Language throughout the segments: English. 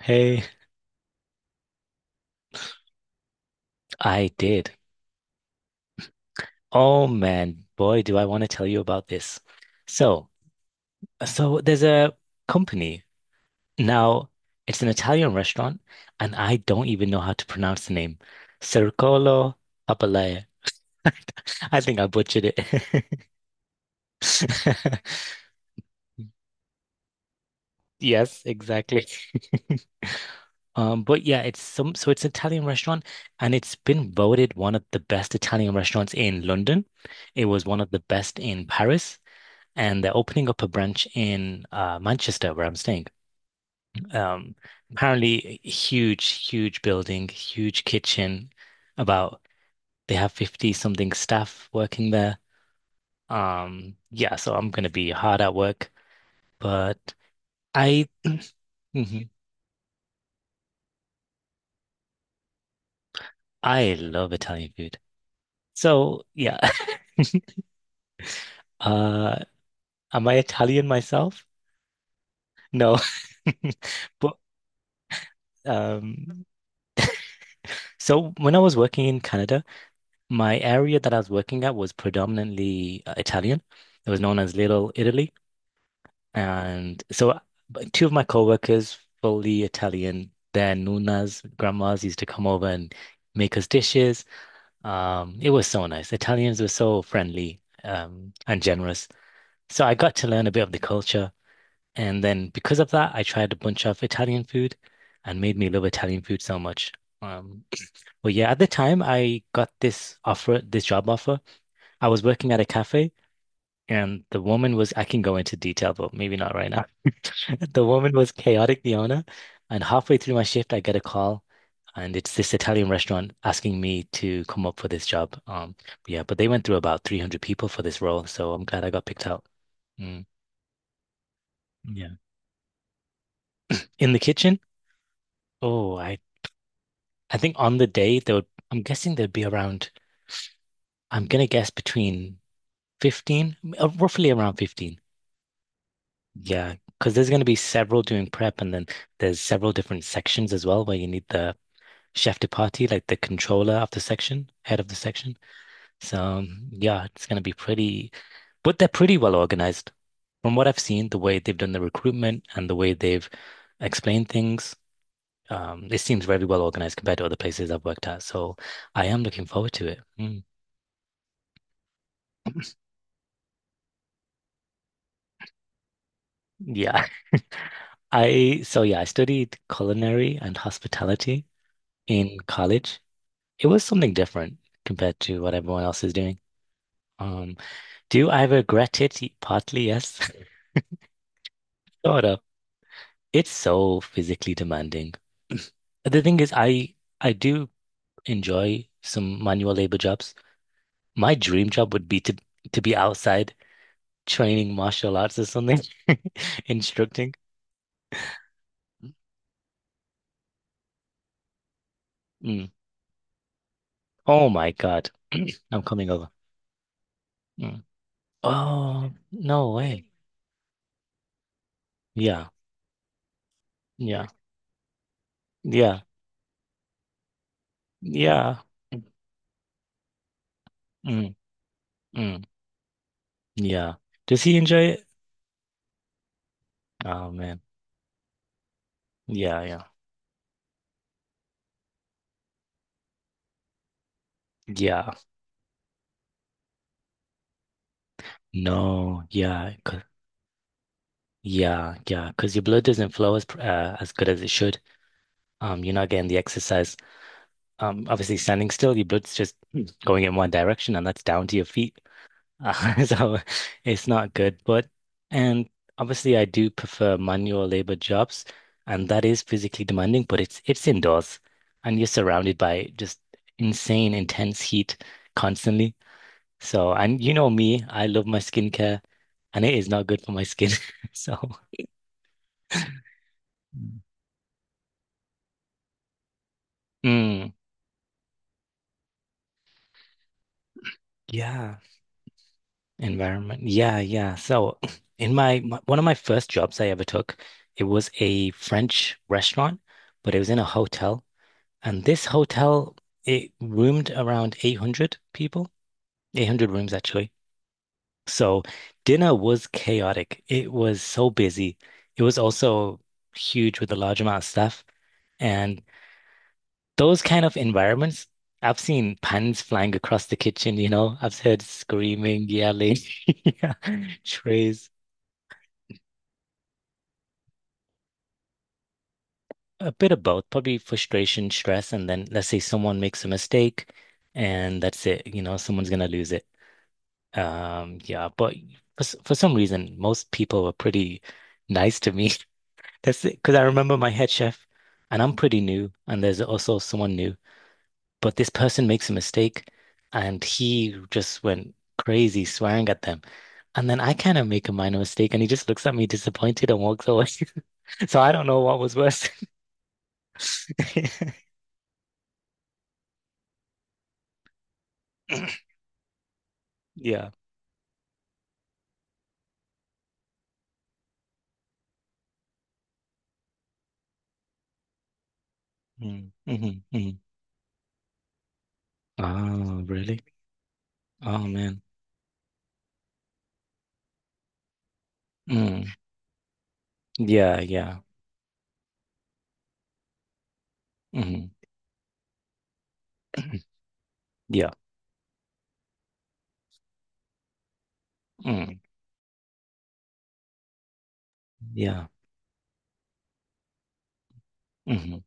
Hey, I did. Oh man, boy, do I want to tell you about this. So, so there's a company. Now, it's an Italian restaurant, and I don't even know how to pronounce the name. Circolo Papalea. I think I butchered it. Yes, exactly. But yeah, it's some so it's an Italian restaurant, and it's been voted one of the best Italian restaurants in London. It was one of the best in Paris, and they're opening up a branch in Manchester, where I'm staying. Um, apparently, huge, huge building, huge kitchen. About They have 50 something staff working there. Yeah, so I'm gonna be hard at work, but I Mhm. I love Italian food. So yeah, uh, am I Italian myself? No, but um, so when I was working in Canada. My area that I was working at was predominantly Italian. It was known as Little Italy. And so but two of my coworkers, fully Italian, their nunas, grandmas used to come over and make us dishes. It was so nice. Italians were so friendly, and generous. So I got to learn a bit of the culture. And then because of that, I tried a bunch of Italian food and made me love Italian food so much. Um, but yeah, at the time I got this offer, this job offer. I was working at a cafe and the woman was, I can go into detail, but maybe not right now. The woman was chaotic, the owner. And halfway through my shift, I get a call and it's this Italian restaurant asking me to come up for this job. Yeah, but they went through about 300 people for this role. So I'm glad I got picked out. Mm, yeah. In the kitchen, oh, I, I think on the day there would, I'm guessing there'd be around, I'm gonna guess between 15, roughly around 15. Yeah, because there's going to be several doing prep, and then there's several different sections as well where you need the chef de partie, like the controller of the section, head of the section. So yeah, it's going to be pretty, but they're pretty well organized. From what I've seen, the way they've done the recruitment and the way they've explained things, it seems very well organized compared to other places I've worked at. So I am looking forward to it. Mm. Yeah. I so yeah, I studied culinary and hospitality in college. It was something different compared to what everyone else is doing. Um, do I regret it? Partly, yes, sort of. It's so physically demanding. The thing is, I do enjoy some manual labor jobs. My dream job would be to be outside training martial arts or something, instructing. Mm. Oh my God, I'm coming over. Mm. Oh, no way. Yeah, yeah, yeah, yeah. Mm, mm, mm. Yeah. Does he enjoy it? Oh man. Yeah, yeah. Yeah. No. Yeah. Yeah, yeah. Because your blood doesn't flow as as good as it should. You're not getting the exercise. Obviously standing still, your blood's just going in one direction, and that's down to your feet. So it's not good. But and Obviously, I do prefer manual labor jobs, and that is physically demanding. But it's indoors, and you're surrounded by just insane, intense heat constantly. So, and you know me, I love my skincare and it is not good for my skin. So, mm. Mm, yeah, environment. Yeah, yeah. So, in my, my one of my first jobs I ever took, it was a French restaurant, but it was in a hotel. And this hotel, it roomed around 800 people, 800 rooms actually. So, dinner was chaotic. It was so busy. It was also huge with a large amount of staff. And those kind of environments, I've seen pans flying across the kitchen, you know, I've heard screaming, yelling, yeah, trays, a bit of both, probably frustration, stress, and then let's say someone makes a mistake and that's it, you know, someone's gonna lose it. Yeah, but for some reason, most people were pretty nice to me. That's it, because I remember my head chef and I'm pretty new and there's also someone new. But this person makes a mistake and he just went crazy swearing at them. And then I kind of make a minor mistake and he just looks at me disappointed and walks away. So I don't know what was worse. Yeah. Mm, mhm, mhm. Oh, really? Oh, man. Mm, yeah, yeah. Mhm, yeah. Mm, yeah. Mhm,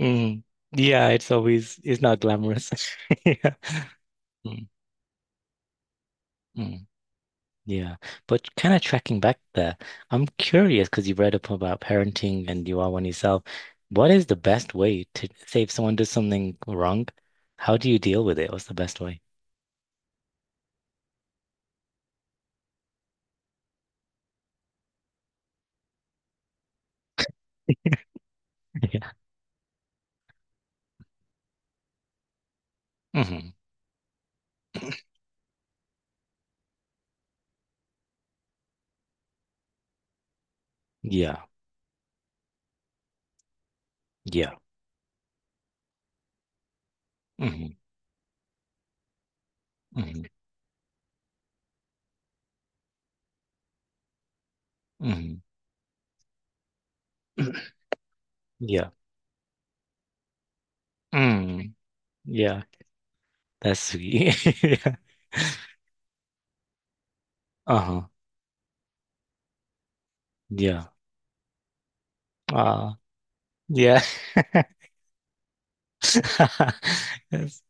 mm. Yeah, it's always, it's not glamorous. Yeah. Mm, mm. Yeah, but kind of tracking back there, I'm curious because you read up about parenting and you are one yourself. What is the best way to say if someone does something wrong? How do you deal with it? What's the best way? Yeah. Hmm. Yeah. Yeah. Hmm. Hmm. Hmm. Yeah. Mm. Yeah. That's sweet. Yeah. Uh-huh. Yeah. Uh, yeah. Yes.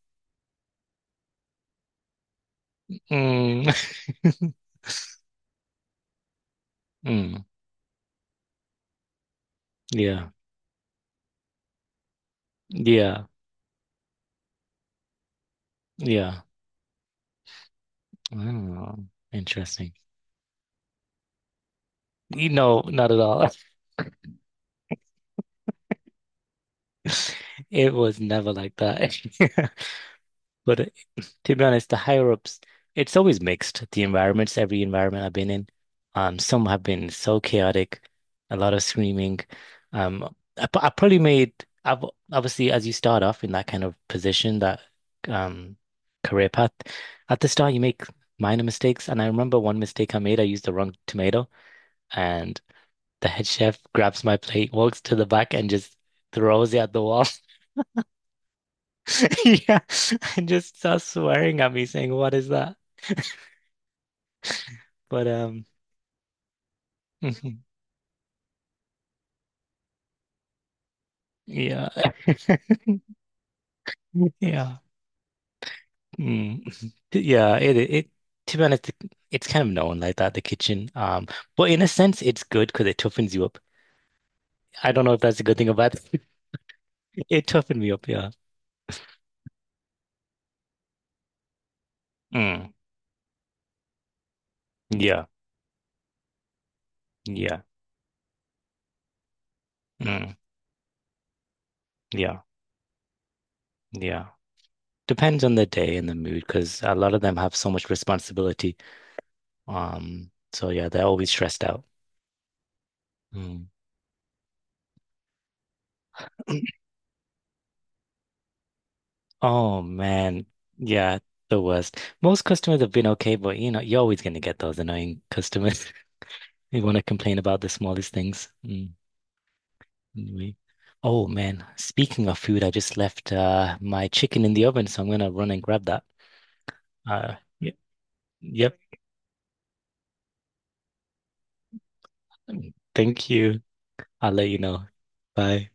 Mm. Mm. Yeah. Yeah. Yeah. Oh, interesting. You know, not at all. It was never like that. But to be honest, the higher ups, it's always mixed. The environments, every environment I've been in, some have been so chaotic, a lot of screaming. I probably made, I've obviously as you start off in that kind of position, that um career path, at the start you make minor mistakes. And I remember one mistake I made, I used the wrong tomato, and the head chef grabs my plate, walks to the back, and just throws it at the wall. Yeah, and just starts swearing at me, saying, "What is that?" But mhm, yeah, yeah, mm. Yeah. It To be honest, it's kind of known like that the kitchen. But in a sense, it's good because it toughens you up. I don't know if that's a good thing or bad thing. It toughened me up. Yeah. Mm. Yeah. Yeah. Mm. Yeah. Yeah. Depends on the day and the mood because a lot of them have so much responsibility. So yeah, they're always stressed out. Mm. Oh man, yeah, the worst. Most customers have been okay, but you know, you're always gonna get those annoying customers who want to complain about the smallest things. Mm. Anyway. Oh man, speaking of food, I just left my chicken in the oven, so I'm gonna run and grab that. Yep, yep. Thank you. I'll let you know. Bye.